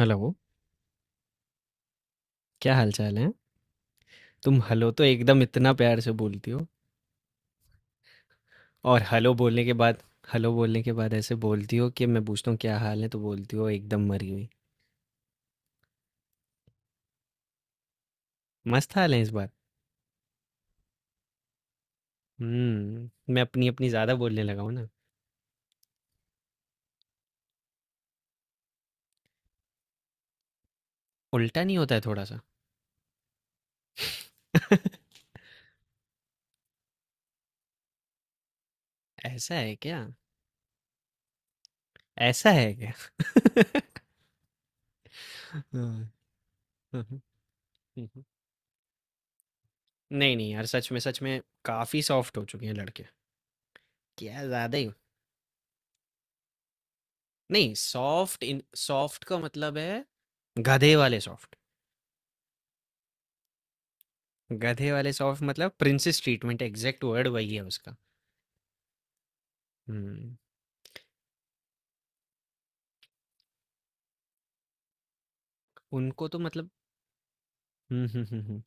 Hello, क्या हालचाल है? तुम हेलो तो एकदम इतना प्यार से बोलती हो और हेलो बोलने के बाद हेलो बोलने के बाद ऐसे बोलती हो कि मैं पूछता हूँ क्या हाल है तो बोलती हो एकदम मरी हुई। मस्त हाल है इस बार। हम्म, मैं अपनी अपनी ज्यादा बोलने लगा हूँ ना। उल्टा नहीं होता है थोड़ा सा? ऐसा है क्या? ऐसा है क्या? हाँ, हाँ, हाँ, हाँ। नहीं नहीं यार, सच में काफी सॉफ्ट हो चुके हैं लड़के। क्या ज्यादा ही। नहीं, सॉफ्ट इन सॉफ्ट का मतलब है गधे वाले सॉफ्ट। गधे वाले सॉफ्ट मतलब प्रिंसेस ट्रीटमेंट, एग्जैक्ट वर्ड वही है उसका। हम्म। उनको तो मतलब। हम्म, हम्म, हम्म,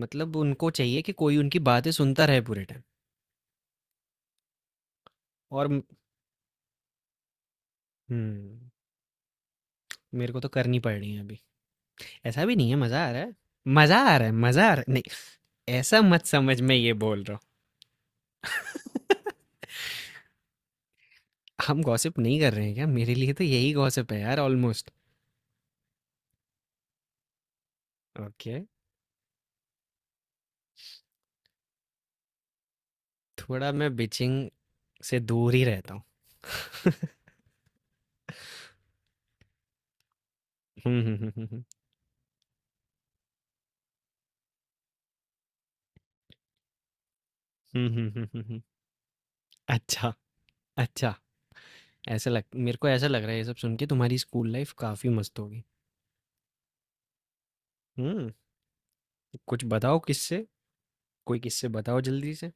मतलब उनको चाहिए कि कोई उनकी बातें सुनता रहे पूरे टाइम। और म- हम्म। मेरे को तो करनी पड़ रही है अभी। ऐसा भी नहीं है। मज़ा आ रहा है, मज़ा आ रहा है नहीं, ऐसा मत समझ, मैं ये बोल रहा हूँ। हम गॉसिप नहीं कर रहे हैं क्या? मेरे लिए तो यही गॉसिप है यार, ऑलमोस्ट। ओके, थोड़ा मैं बिचिंग से दूर ही रहता हूँ। हम्म, हम्म, हम्म, हम्म, हम्म, हम्म, हम्म, हम्म, हम्म। अच्छा, अच्छा, ऐसा लग, मेरे को ऐसा लग रहा है ये सब सुन के तुम्हारी स्कूल लाइफ काफी मस्त होगी। हम्म। कुछ बताओ किससे। कोई किससे बताओ जल्दी से।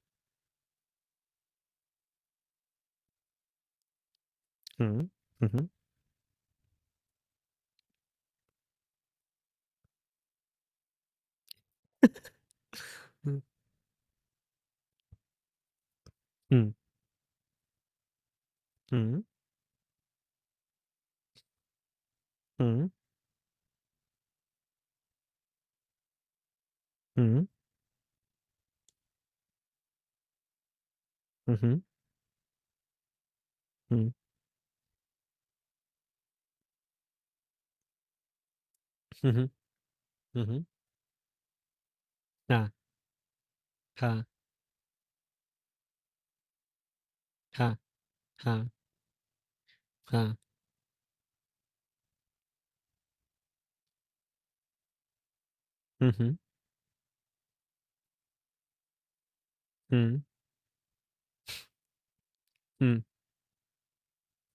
हम्म, हम्म, हम्म, हम्म, हम्म, हम्म, हम्म, हम्म, हम्म, हम्म, हम्म। हाँ, हाँ, हाँ, हाँ, हाँ। हम्म, हम्म, हम्म,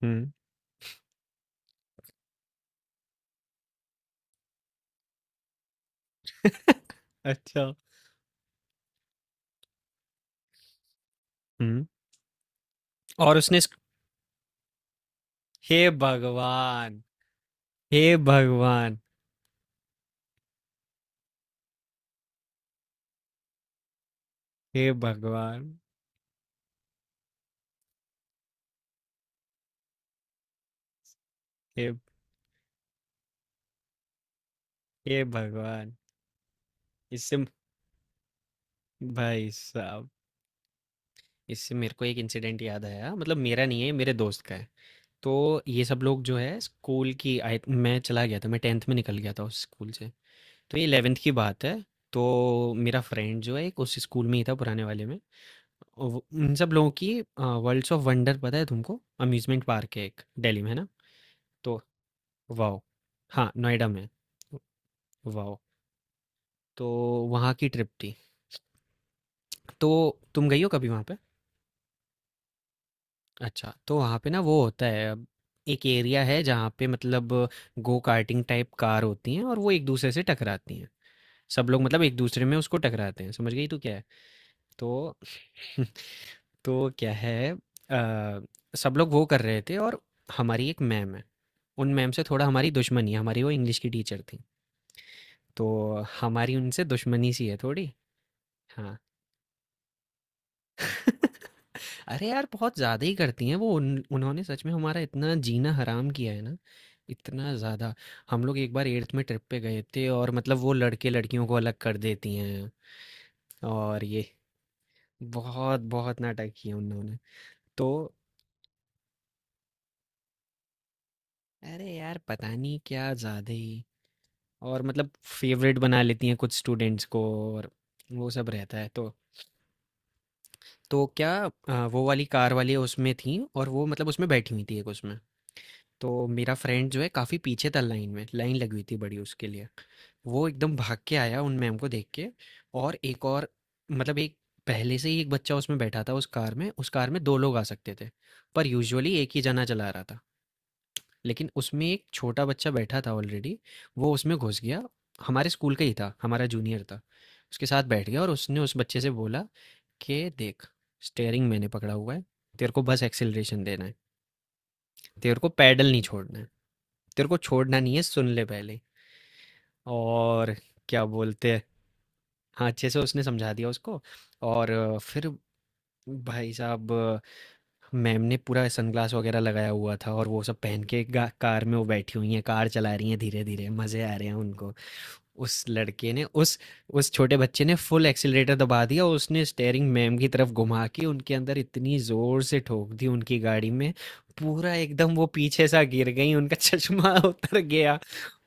हम्म। अच्छा। हम्म। और उसने स्क- हे भगवान। हे भगवान। हे भगवान। हे, हे भगवान। इससे, भाई साहब, इससे मेरे को एक इंसिडेंट याद आया, मतलब मेरा नहीं है, मेरे दोस्त का है। तो ये सब लोग जो है स्कूल की आई, मैं चला गया था, मैं टेंथ में निकल गया था उस स्कूल से। तो ये इलेवेंथ की बात है। तो मेरा फ्रेंड जो है एक, उस स्कूल में ही था पुराने वाले में। उन सब लोगों की वर्ल्ड्स ऑफ वंडर, पता है तुमको? अम्यूजमेंट पार्क है एक, दिल्ली में है ना? तो वाओ, हाँ, नोएडा में। वाओ। तो वहाँ की ट्रिप थी। तो तुम गई हो कभी वहाँ पे? अच्छा, तो वहाँ पे ना वो होता है अब, एक एरिया है जहाँ पे मतलब गो कार्टिंग टाइप कार होती हैं और वो एक दूसरे से टकराती हैं। सब लोग मतलब एक दूसरे में उसको टकराते हैं, समझ गई तू क्या है? तो तो क्या है, सब लोग वो कर रहे थे और हमारी एक मैम है। उन मैम से थोड़ा हमारी दुश्मनी है, हमारी वो इंग्लिश की टीचर थीं। तो हमारी उनसे दुश्मनी सी है थोड़ी। हाँ। अरे यार बहुत ज़्यादा ही करती हैं उन्होंने सच में हमारा इतना जीना हराम किया है ना, इतना ज़्यादा। हम लोग एक बार एट्थ में ट्रिप पे गए थे और मतलब वो लड़के लड़कियों को अलग कर देती हैं, और ये बहुत बहुत नाटक किए उन्होंने। तो अरे यार पता नहीं, क्या ज़्यादा ही। और मतलब फेवरेट बना लेती हैं कुछ स्टूडेंट्स को, और वो सब रहता है। तो क्या, वो वाली कार वाली उसमें थी और वो मतलब उसमें बैठी हुई थी एक उसमें। तो मेरा फ्रेंड जो है काफ़ी पीछे था लाइन में, लाइन लगी हुई थी बड़ी उसके लिए। वो एकदम भाग के आया उन मैम को देख के, और एक और मतलब एक, पहले से ही एक बच्चा उसमें बैठा था उस कार में 2 लोग आ सकते थे, पर यूजुअली एक ही जना चला रहा था। लेकिन उसमें एक छोटा बच्चा बैठा था ऑलरेडी, वो उसमें घुस गया। हमारे स्कूल का ही था, हमारा जूनियर था। उसके साथ बैठ गया और उसने उस बच्चे से बोला कि देख, स्टीयरिंग मैंने पकड़ा हुआ है, तेरे को बस एक्सेलरेशन देना है, तेरे को पैडल नहीं छोड़ना है। तेरे को छोड़ना नहीं है, सुन ले पहले। और क्या बोलते हैं, हाँ, अच्छे से उसने समझा दिया उसको। फिर भाई साहब, मैम ने पूरा सनग्लास वगैरह लगाया हुआ था और वो सब पहन के कार में वो बैठी हुई हैं, कार चला रही हैं धीरे धीरे, मज़े आ रहे हैं उनको। उस लड़के ने उस उस छोटे बच्चे ने फुल एक्सीलरेटर दबा दिया और उसने स्टेयरिंग मैम की तरफ घुमा के उनके अंदर इतनी जोर से ठोक दी उनकी गाड़ी में। पूरा एकदम वो पीछे सा गिर गई, उनका चश्मा उतर गया।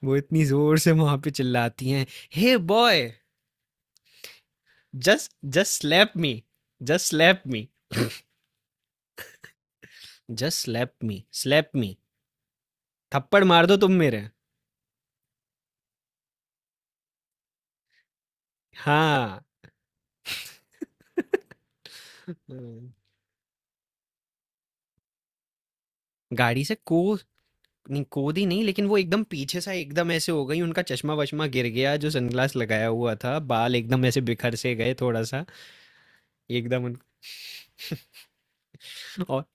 वो इतनी जोर से वहां पे चिल्लाती हैं, hey boy, just, just slap me just slap me, just slap me, slap me, थप्पड़ मार दो तुम मेरे। हाँ। गाड़ी से को, नहीं कूदी नहीं, लेकिन वो एकदम पीछे सा एकदम ऐसे हो गई, उनका चश्मा वश्मा गिर गया जो सनग्लास लगाया हुआ था, बाल एकदम ऐसे बिखर से गए थोड़ा सा। एकदम उन... और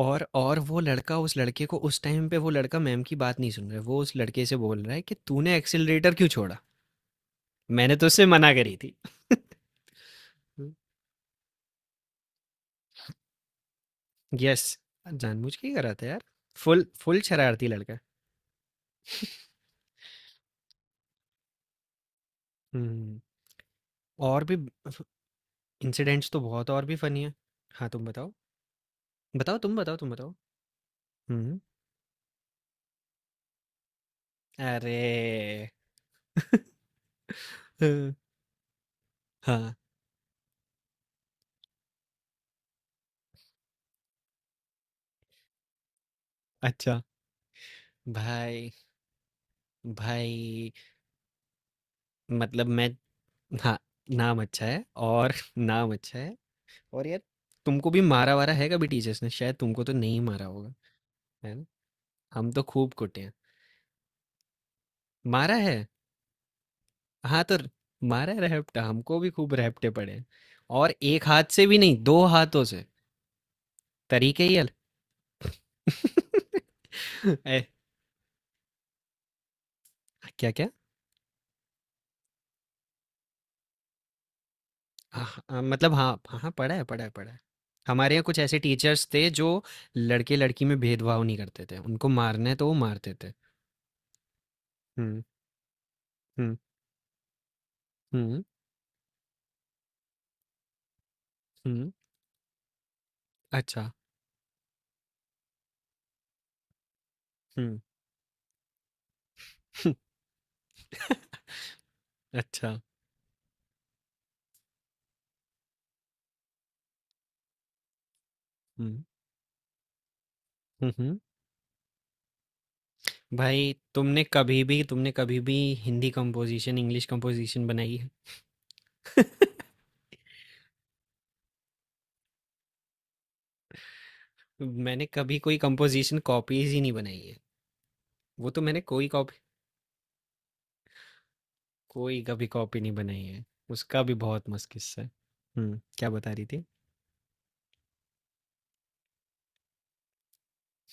और वो लड़का, उस लड़के को, उस टाइम पे वो लड़का मैम की बात नहीं सुन रहा है, वो उस लड़के से बोल रहा है कि तूने एक्सिलरेटर क्यों छोड़ा, मैंने तो उससे मना करी थी। यस, जानबूझ के ही करा था यार, फुल फुल शरारती लड़का। हम्म। और भी इंसिडेंट्स तो बहुत और भी फनी है। हाँ तुम बताओ, बताओ, तुम बताओ। हम्म। अरे! हाँ, अच्छा। भाई, भाई, मतलब मैं, हाँ, नाम अच्छा है और नाम अच्छा है। और यार, तुमको भी मारा-वारा है कभी टीचर्स ने? शायद तुमको तो नहीं मारा होगा, है ना? हम तो खूब कुटे हैं। मारा है? हाँ, तो मारा है रैपटा, हमको भी खूब रैपटे पड़े हैं, और एक हाथ से भी नहीं, 2 हाथों से। तरीके ही अल ए, क्या-क्या? आह, मतलब हाँ, हाँ, हाँ, पढ़ा है, पढ़ा है, पढ़ा है। हमारे यहाँ कुछ ऐसे टीचर्स थे जो लड़के-लड़की में भेदभाव नहीं करते थे। उनको मारना है तो वो मारते थे। हुँ, हुँ, हुँ, हुँ, अच्छा, हुँ, अच्छा, हुँ, हुँ, हुँ। भाई तुमने कभी भी हिंदी कंपोज़िशन, इंग्लिश कंपोज़िशन बनाई है? मैंने कभी कोई कंपोज़िशन कॉपीज़ ही नहीं बनाई है। वो तो मैंने कोई कॉपी, कोई कभी कॉपी नहीं बनाई है। उसका भी बहुत मस्त किस्सा है। हुँ, क्या बता रही थी?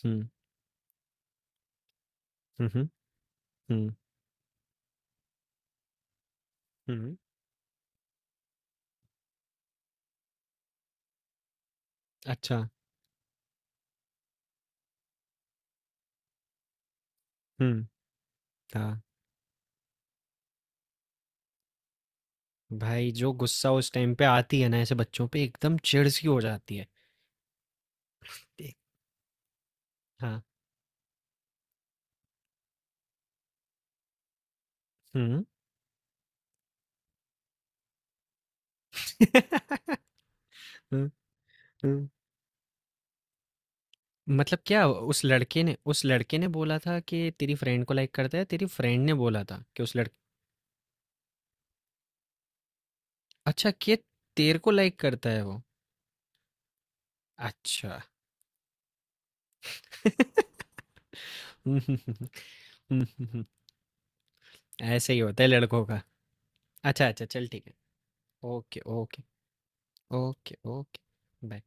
हुँ, हुँ, हुँ, हुँ। हुँ। अच्छा। हुँ। हाँ, भाई जो गुस्सा उस टाइम पे आती है ना ऐसे बच्चों पे एकदम चिढ़-सी हो जाती है। एक, हाँ। हुँ। हुँ, हुँ। मतलब क्या, उस लड़के ने बोला था कि तेरी फ्रेंड को लाइक करता है, तेरी फ्रेंड ने बोला था कि उस लड़के, अच्छा, कि तेरे को लाइक करता है वो? अच्छा। हुँ, हुँ, हुँ, हुँ। हुँ, हुँ, हुँ। ऐसे ही होता है लड़कों का। अच्छा, अच्छा चल ठीक है। Okay, okay, okay, okay. Bye.